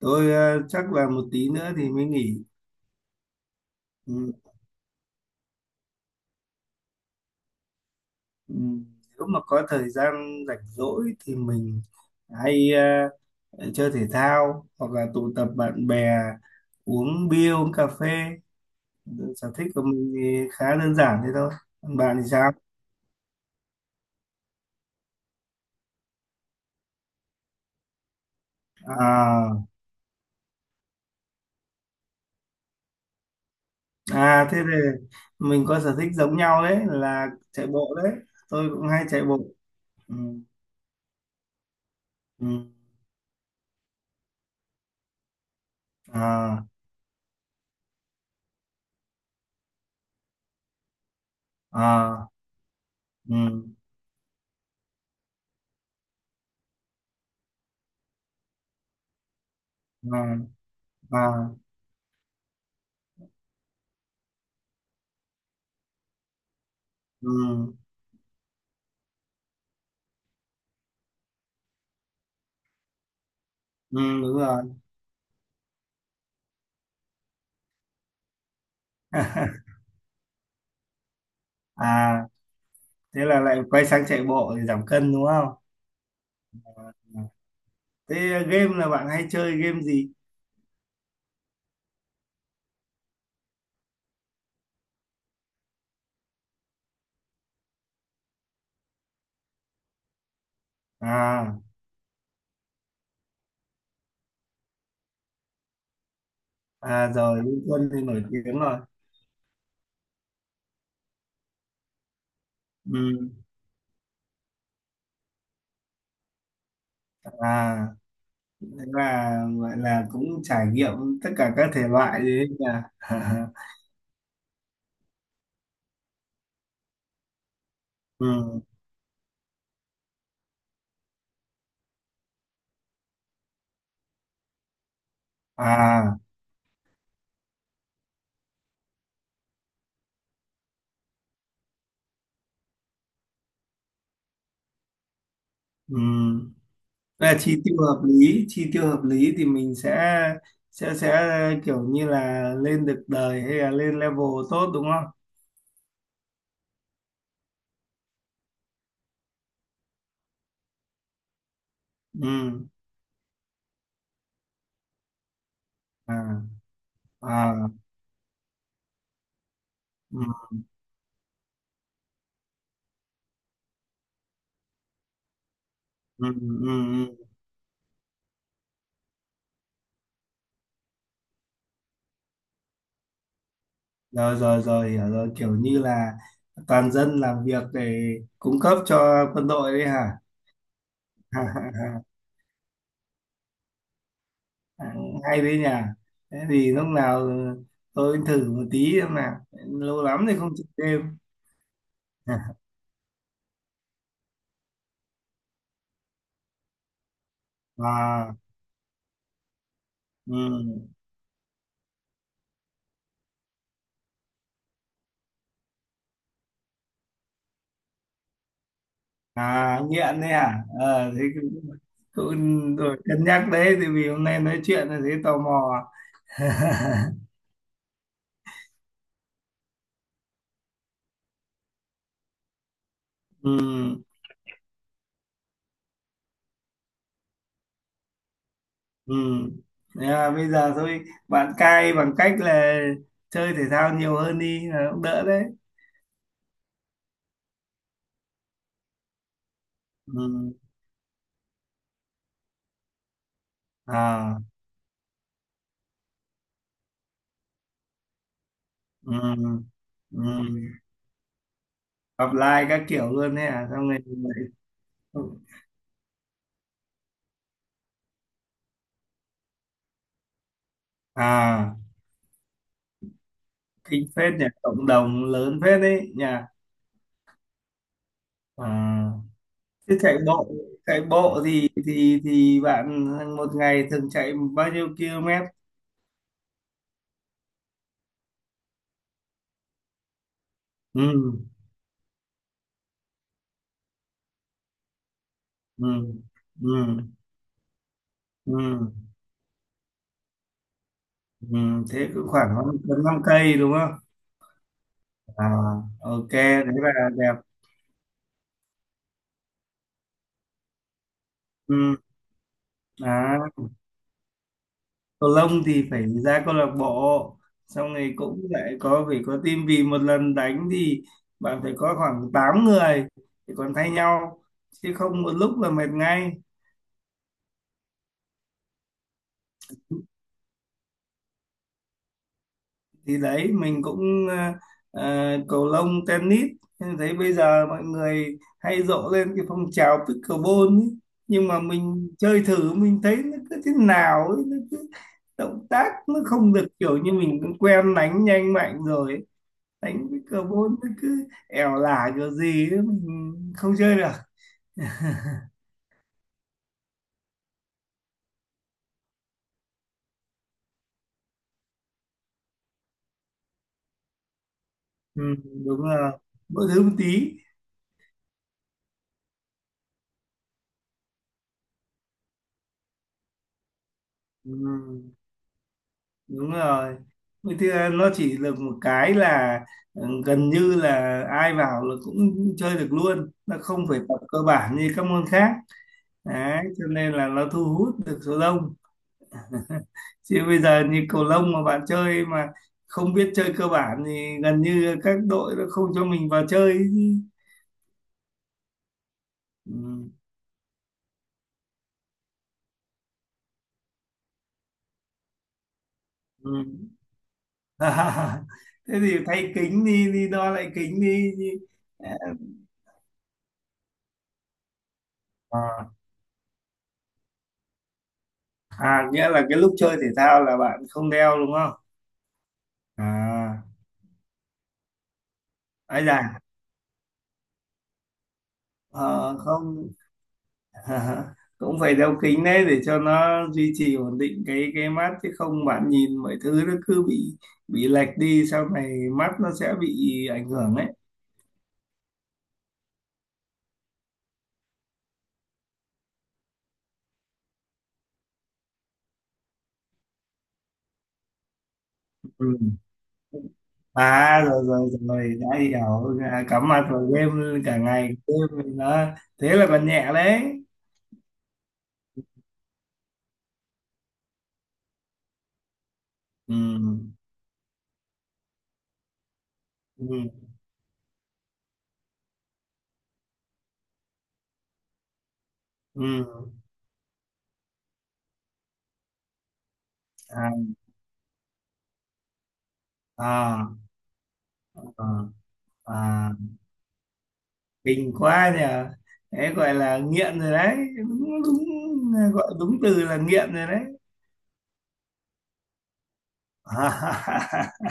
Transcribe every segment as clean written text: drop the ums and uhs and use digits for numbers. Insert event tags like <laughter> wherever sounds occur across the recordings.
Tôi chắc là một tí nữa thì mới nghỉ. Ừ, ừ. Nếu mà có thời gian rảnh rỗi thì mình hay chơi thể thao hoặc là tụ tập bạn bè, uống bia uống cà phê. Sở thích của mình thì khá đơn giản thế thôi, còn bạn thì sao? À, à thế thì mình có sở thích giống nhau, đấy là chạy bộ đấy, tôi cũng hay chạy bộ. Ừ, ừ. À, à. Ừ. À, à. Ừ. Ừ, đúng rồi. À thế là lại quay sang chạy bộ để giảm cân đúng không? Ừ. Thế game là bạn hay chơi game gì? À, à rồi, Liên Quân thì nổi tiếng rồi. Ừ. À thế là gọi là cũng trải nghiệm tất cả các thể loại đấy nha <laughs> ừ. À. Ừ. Thế là chi tiêu hợp lý, chi tiêu hợp lý thì mình sẽ kiểu như là lên được đời hay là lên level tốt đúng không? Ừ, à, à, ừ. Ừ. Ừ. Ừ. Rồi rồi rồi, hiểu rồi, kiểu như là toàn dân làm việc để cung cấp cho quân đội đấy hả? <laughs> À, hay đấy nhỉ, thế thì lúc nào tôi thử một tí xem nào, lâu lắm thì không chơi game. <laughs> À, ừ. À nghiện đấy hả? Ờ thế cũng rồi cân nhắc đấy, thì vì hôm nay nói chuyện là thấy tò mò. <laughs> Ừ. Ừ. Thế là bây giờ thôi bạn cai bằng cách là chơi thể thao nhiều hơn đi là cũng đỡ đấy. Ừ. À. Ừ. Ừ. Apply các kiểu luôn đấy, à xong rồi À kinh phết nhỉ, cộng đồng lớn phết đấy nhỉ. À. Thế chạy bộ thì bạn một ngày thường chạy bao nhiêu km? Ừ. Ừ. Ừ. Ừ. Ừ. Thế cũng khoảng năm năm cây đúng không? À, ok đấy là đẹp. Ừ. À, cầu lông thì phải ra câu lạc bộ, xong rồi cũng lại có phải có team, vì một lần đánh thì bạn phải có khoảng 8 người thì còn thay nhau, chứ không một lúc là mệt ngay. Thì đấy mình cũng cầu lông, tennis. Em thấy bây giờ mọi người hay rộ lên cái phong trào pickleball ấy. Nhưng mà mình chơi thử mình thấy nó cứ thế nào ấy, nó cứ động tác nó không được, kiểu như mình cũng quen đánh nhanh mạnh rồi ấy. Đánh pickleball nó cứ ẻo lả kiểu gì ấy, mình không chơi được. Ừ, đúng là mỗi thứ một tí. Ừ, đúng rồi. Vậy thì nó chỉ được một cái là gần như là ai vào là cũng chơi được luôn, nó không phải tập cơ bản như các môn khác. Đấy cho nên là nó thu hút được số đông, chứ bây giờ như cầu lông mà bạn chơi mà không biết chơi cơ bản thì gần như các đội nó không cho mình vào chơi ấy chứ. Ừ. Ừ. <laughs> Thế thì thay kính đi, đi đo lại kính đi. À, à nghĩa là cái lúc chơi thể thao là bạn không đeo đúng không? À ai là ờ, không. <laughs> Cũng phải đeo kính đấy để cho nó duy trì ổn định cái mắt chứ không bạn nhìn mọi thứ nó cứ bị lệch đi, sau này mắt nó sẽ bị ảnh hưởng đấy. Ừ. À rồi rồi rồi đã hiểu. À, cắm mặt vào game cả ngày, game thì nó. Thế là còn nhẹ đấy. Ừ. Ừ. Ừ. À, à, à, à. Kinh quá nhờ, đấy gọi là nghiện rồi đấy, đúng đúng, gọi đúng từ là nghiện rồi đấy. <laughs>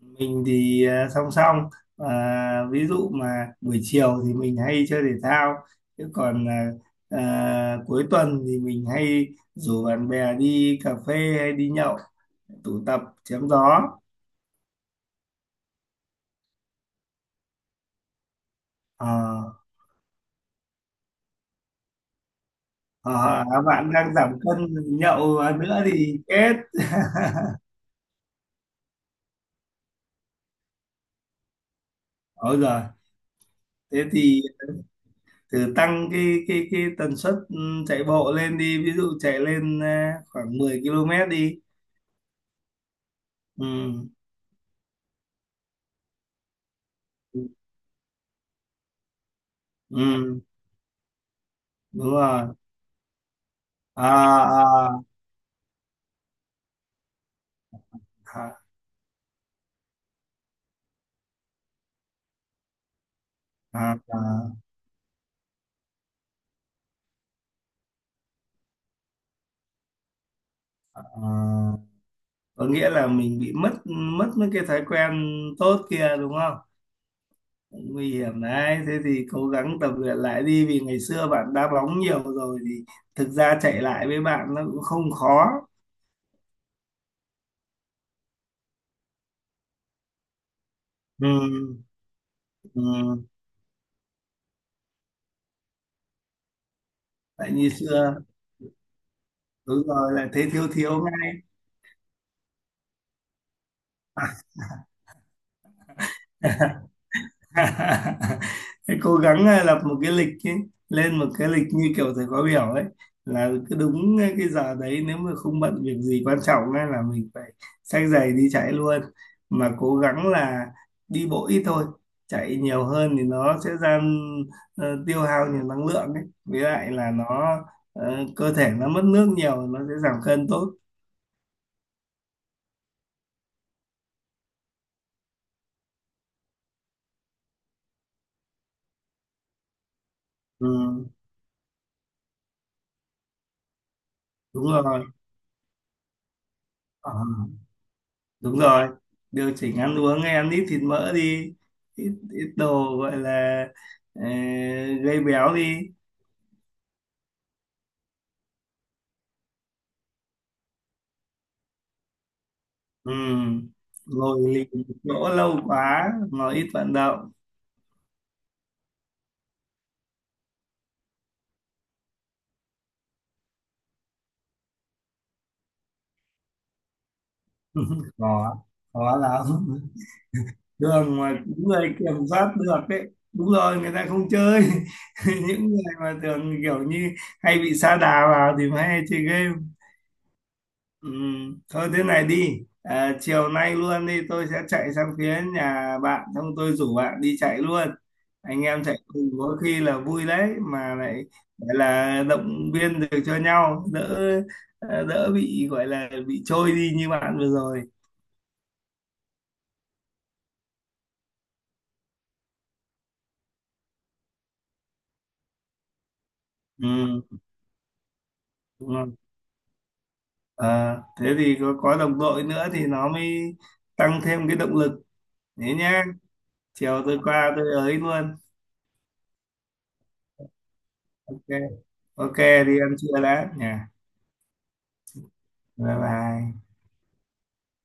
Mình thì song song, ví dụ mà buổi chiều thì mình hay chơi thể thao, chứ còn cuối tuần thì mình hay rủ bạn bè đi cà phê hay đi nhậu, tụ tập chém gió. Ờ, bạn đang giảm cân, nhậu nữa thì chết. Ôi giời, thế thì thử tăng cái tần suất chạy bộ lên đi, ví dụ chạy lên khoảng 10 km đi. Ừ. Ừ đúng rồi, à, à, à, à, à, à. Có nghĩa là mình bị mất mất mấy cái thói quen tốt kia đúng không? Nguy hiểm đấy, thế thì cố gắng tập luyện lại đi, vì ngày xưa bạn đá bóng nhiều rồi thì thực ra chạy lại với bạn nó cũng không khó. Ừ, ừ. Tại như xưa, đúng rồi lại thấy thiếu thiếu ngay. <laughs> <laughs> Thế cố gắng lập một cái lịch ấy, lên một cái lịch như kiểu thầy khóa biểu ấy, là cứ đúng cái giờ đấy, nếu mà không bận việc gì quan trọng ấy, là mình phải xách giày đi chạy luôn, mà cố gắng là đi bộ ít thôi, chạy nhiều hơn thì nó sẽ ra tiêu hao nhiều năng lượng ấy, với lại là nó cơ thể nó mất nước nhiều, nó sẽ giảm cân tốt. Ừ, đúng rồi. Ờ. Đúng rồi, điều chỉnh ăn uống, hay ăn ít thịt mỡ đi. Ít ít đồ gọi là ờ, gây béo đi. Ừ. Ngồi lì một chỗ lâu quá, ngồi ít vận động. Khó, khó lắm. Đường mà người kiểm soát được đấy, đúng rồi người ta không chơi. <laughs> Những người mà thường kiểu như hay bị sa đà vào thì mới hay chơi game. Ừ, thôi thế này đi à, chiều nay luôn đi, tôi sẽ chạy sang phía nhà bạn xong tôi rủ bạn đi chạy luôn. Anh em chạy cùng có khi là vui đấy, mà lại gọi là động viên được cho nhau, đỡ đỡ bị gọi là bị trôi đi như bạn vừa rồi. Ừ, đúng không? À, thế thì có đồng đội nữa thì nó mới tăng thêm cái động lực. Thế nhá, chiều tôi qua tôi ấy luôn. Ok, ok, đi ăn trưa đã nhà. Bye bye.